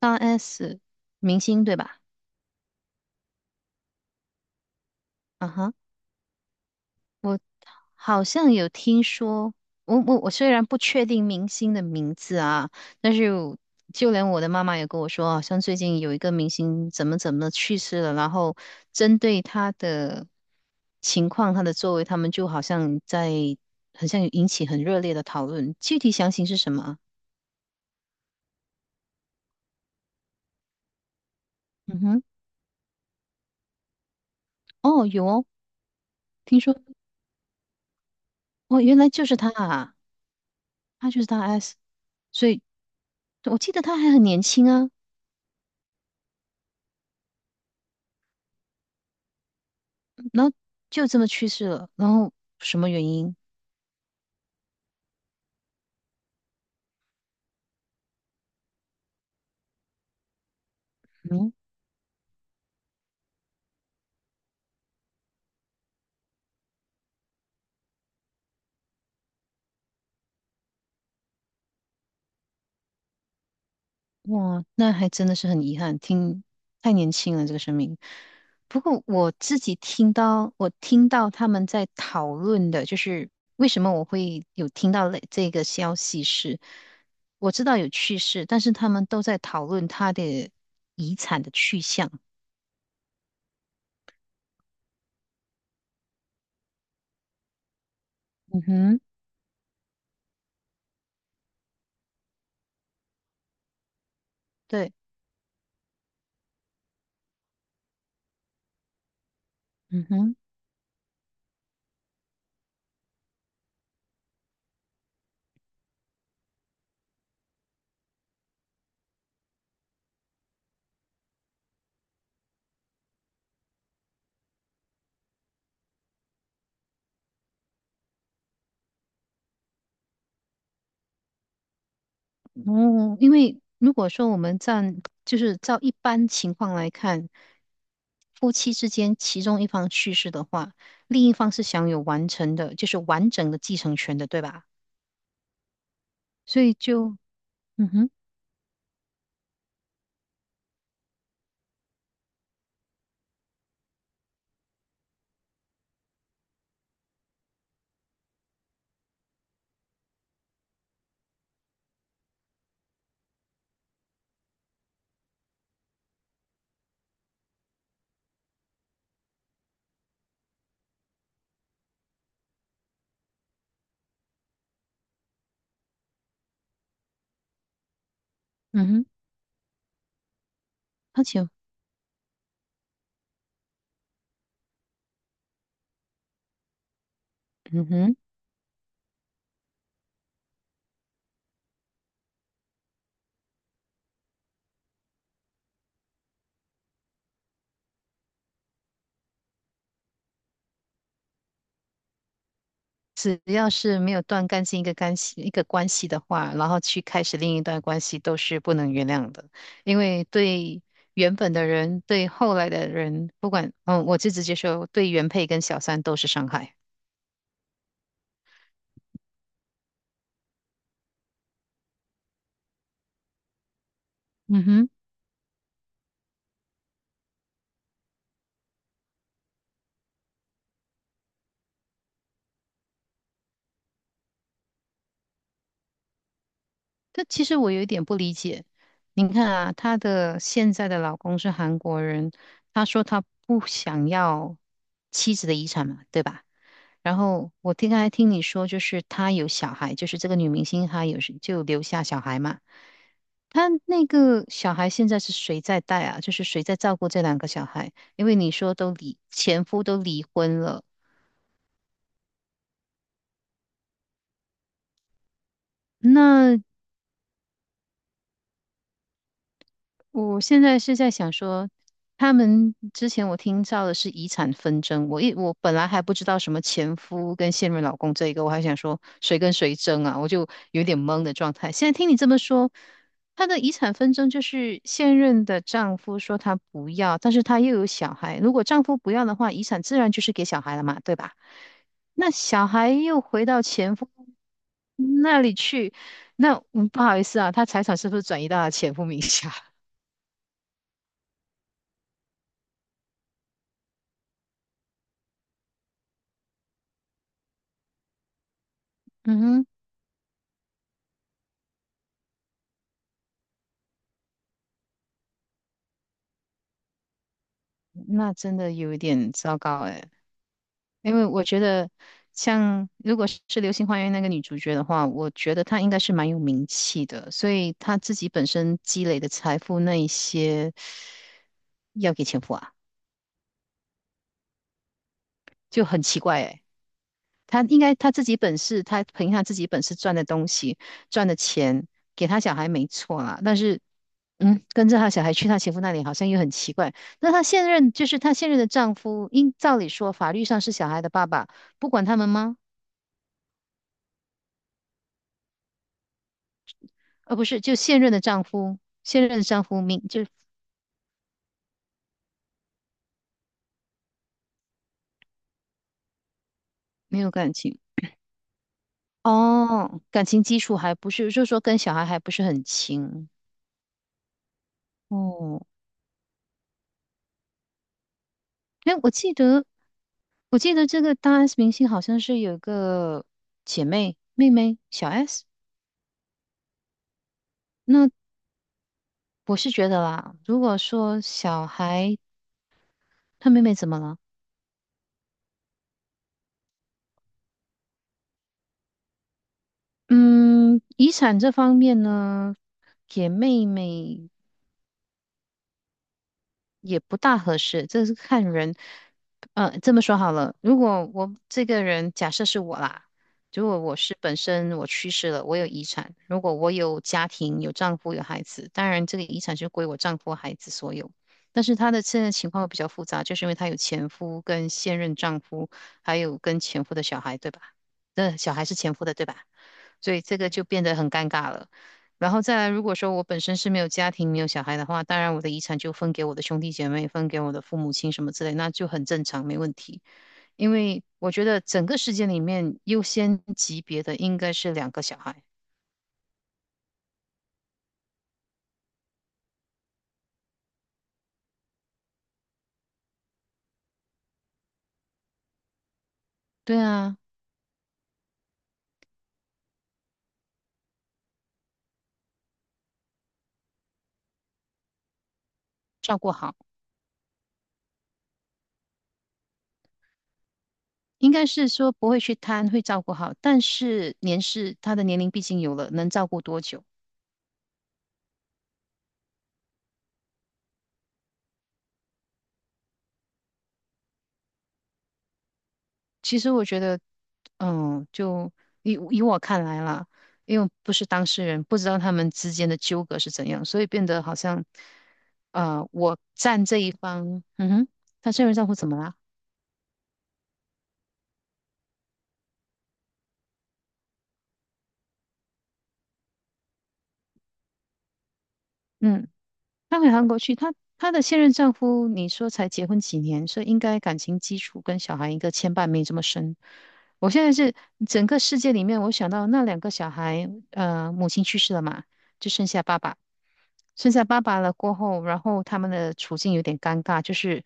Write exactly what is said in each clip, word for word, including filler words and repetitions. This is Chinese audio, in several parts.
八 S 明星对吧？啊哈，我好像有听说，我我我虽然不确定明星的名字啊，但是我就连我的妈妈也跟我说，好像最近有一个明星怎么怎么去世了，然后针对他的情况、他的作为，他们就好像在好像有引起很热烈的讨论，具体详情是什么啊？嗯哼，哦，有哦，听说，哦，原来就是他啊，他就是大 S，所以我记得他还很年轻啊。然后就这么去世了，然后什么原因？嗯，哇，那还真的是很遗憾，听太年轻了这个生命。不过我自己听到，我听到他们在讨论的，就是为什么我会有听到类这个消息是，我知道有去世，但是他们都在讨论他的遗产的去向。嗯哼，对，嗯哼。哦，因为如果说我们站，就是照一般情况来看，夫妻之间其中一方去世的话，另一方是享有完成的，就是完整的继承权的，对吧？所以就，嗯哼，嗯哼，而且，嗯哼，只要是没有断干净一个干系一个关系的话，然后去开始另一段关系，都是不能原谅的，因为对。原本的人对后来的人，不管，嗯，我就直接说，对原配跟小三都是伤害。嗯哼。但其实我有一点不理解，你看啊，她的现在的老公是韩国人，她说她不想要妻子的遗产嘛，对吧？然后我听刚才听你说，就是她有小孩，就是这个女明星她有就留下小孩嘛。她那个小孩现在是谁在带啊？就是谁在照顾这两个小孩？因为你说都离前夫都离婚了，那我现在是在想说，他们之前我听到的是遗产纷争，我一我本来还不知道什么前夫跟现任老公这一个，我还想说谁跟谁争啊，我就有点懵的状态。现在听你这么说，他的遗产纷争就是现任的丈夫说他不要，但是他又有小孩，如果丈夫不要的话，遗产自然就是给小孩了嘛，对吧？那小孩又回到前夫那里去，那嗯不好意思啊，他财产是不是转移到他前夫名下？嗯哼。那真的有一点糟糕诶，因为我觉得像如果是《流星花园》那个女主角的话，我觉得她应该是蛮有名气的，所以她自己本身积累的财富那一些要给前夫啊，就很奇怪诶。她应该她自己本事，她凭她自己本事赚的东西赚的钱给她小孩没错啦，但是嗯，跟着他小孩去她前夫那里，好像又很奇怪。那她现任就是她现任的丈夫，应照理说法律上是小孩的爸爸，不管他们吗？呃，不是，就现任的丈夫，现任的丈夫明就没有感情。哦，感情基础还不是，就是说跟小孩还不是很亲哦。哎，我记得我记得这个大 S 明星好像是有个姐妹妹妹小 S，那我是觉得啦，如果说小孩她妹妹怎么了？嗯，遗产这方面呢，给妹妹也不大合适，这是看人。呃，这么说好了，如果我这个人假设是我啦，如果我是本身我去世了，我有遗产，如果我有家庭，有丈夫，有孩子，当然这个遗产就归我丈夫、孩子所有。但是她的现在情况会比较复杂，就是因为她有前夫跟现任丈夫，还有跟前夫的小孩，对吧？那小孩是前夫的，对吧？所以这个就变得很尴尬了。然后再来，如果说我本身是没有家庭、没有小孩的话，当然我的遗产就分给我的兄弟姐妹、分给我的父母亲什么之类，那就很正常，没问题。因为我觉得整个世界里面优先级别的应该是两个小孩，对啊，照顾好，应该是说不会去贪，会照顾好，但是年事他的年龄毕竟有了，能照顾多久？其实我觉得，嗯，就以以我看来啦，因为不是当事人，不知道他们之间的纠葛是怎样，所以变得好像，呃，我站这一方，嗯哼，她现任丈夫怎么啦？嗯，她回韩国去，她她的现任丈夫，你说才结婚几年，所以应该感情基础跟小孩一个牵绊没这么深。我现在是整个世界里面，我想到那两个小孩，呃，母亲去世了嘛，就剩下爸爸。生下爸爸了过后，然后他们的处境有点尴尬，就是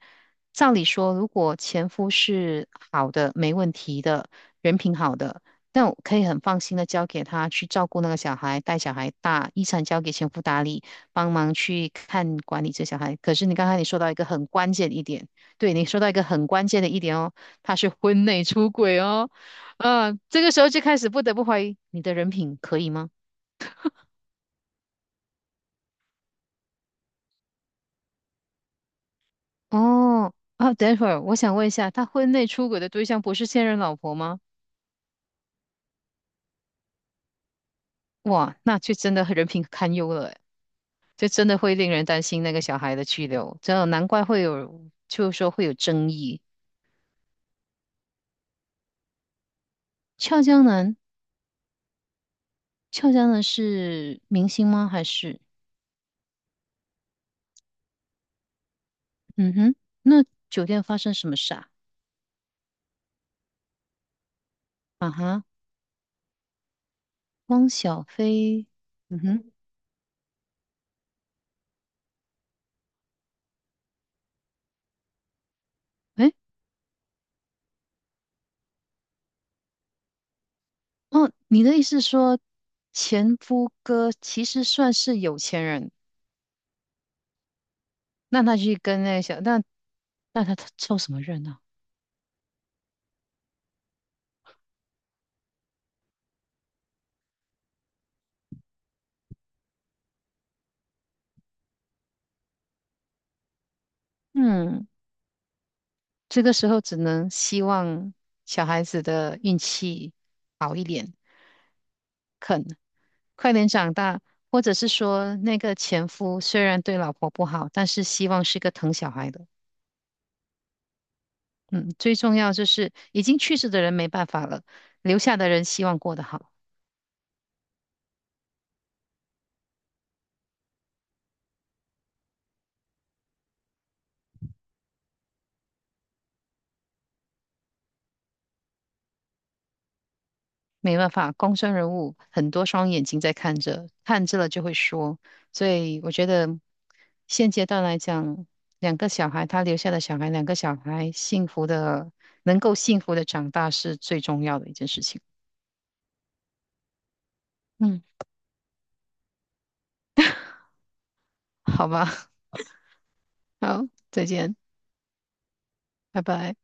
照理说，如果前夫是好的、没问题的、人品好的，那我可以很放心的交给他去照顾那个小孩，带小孩大，遗产交给前夫打理，帮忙去看管理这小孩。可是你刚才你说到一个很关键的一点，对你说到一个很关键的一点哦，他是婚内出轨哦，啊，这个时候就开始不得不怀疑你的人品可以吗？哦，啊，等会儿我想问一下，他婚内出轨的对象不是现任老婆吗？哇，那就真的人品堪忧了诶，就真的会令人担心那个小孩的去留，真的难怪会有，就是说会有争议。俏江南，俏江南是明星吗？还是嗯哼？那酒店发生什么事啊？啊哈，汪小菲，嗯哼，诶，哦，你的意思是说前夫哥其实算是有钱人？那他去跟那个小，那那他他凑什么热闹？嗯，这个时候只能希望小孩子的运气好一点，快点长大，或者是说那个前夫虽然对老婆不好，但是希望是个疼小孩的。嗯，最重要就是已经去世的人没办法了，留下的人希望过得好。没办法，公众人物很多双眼睛在看着，看着了就会说，所以我觉得现阶段来讲，两个小孩，他留下的小孩，两个小孩幸福的，能够幸福的长大是最重要的一件事情。嗯，好吧，好，再见，拜拜。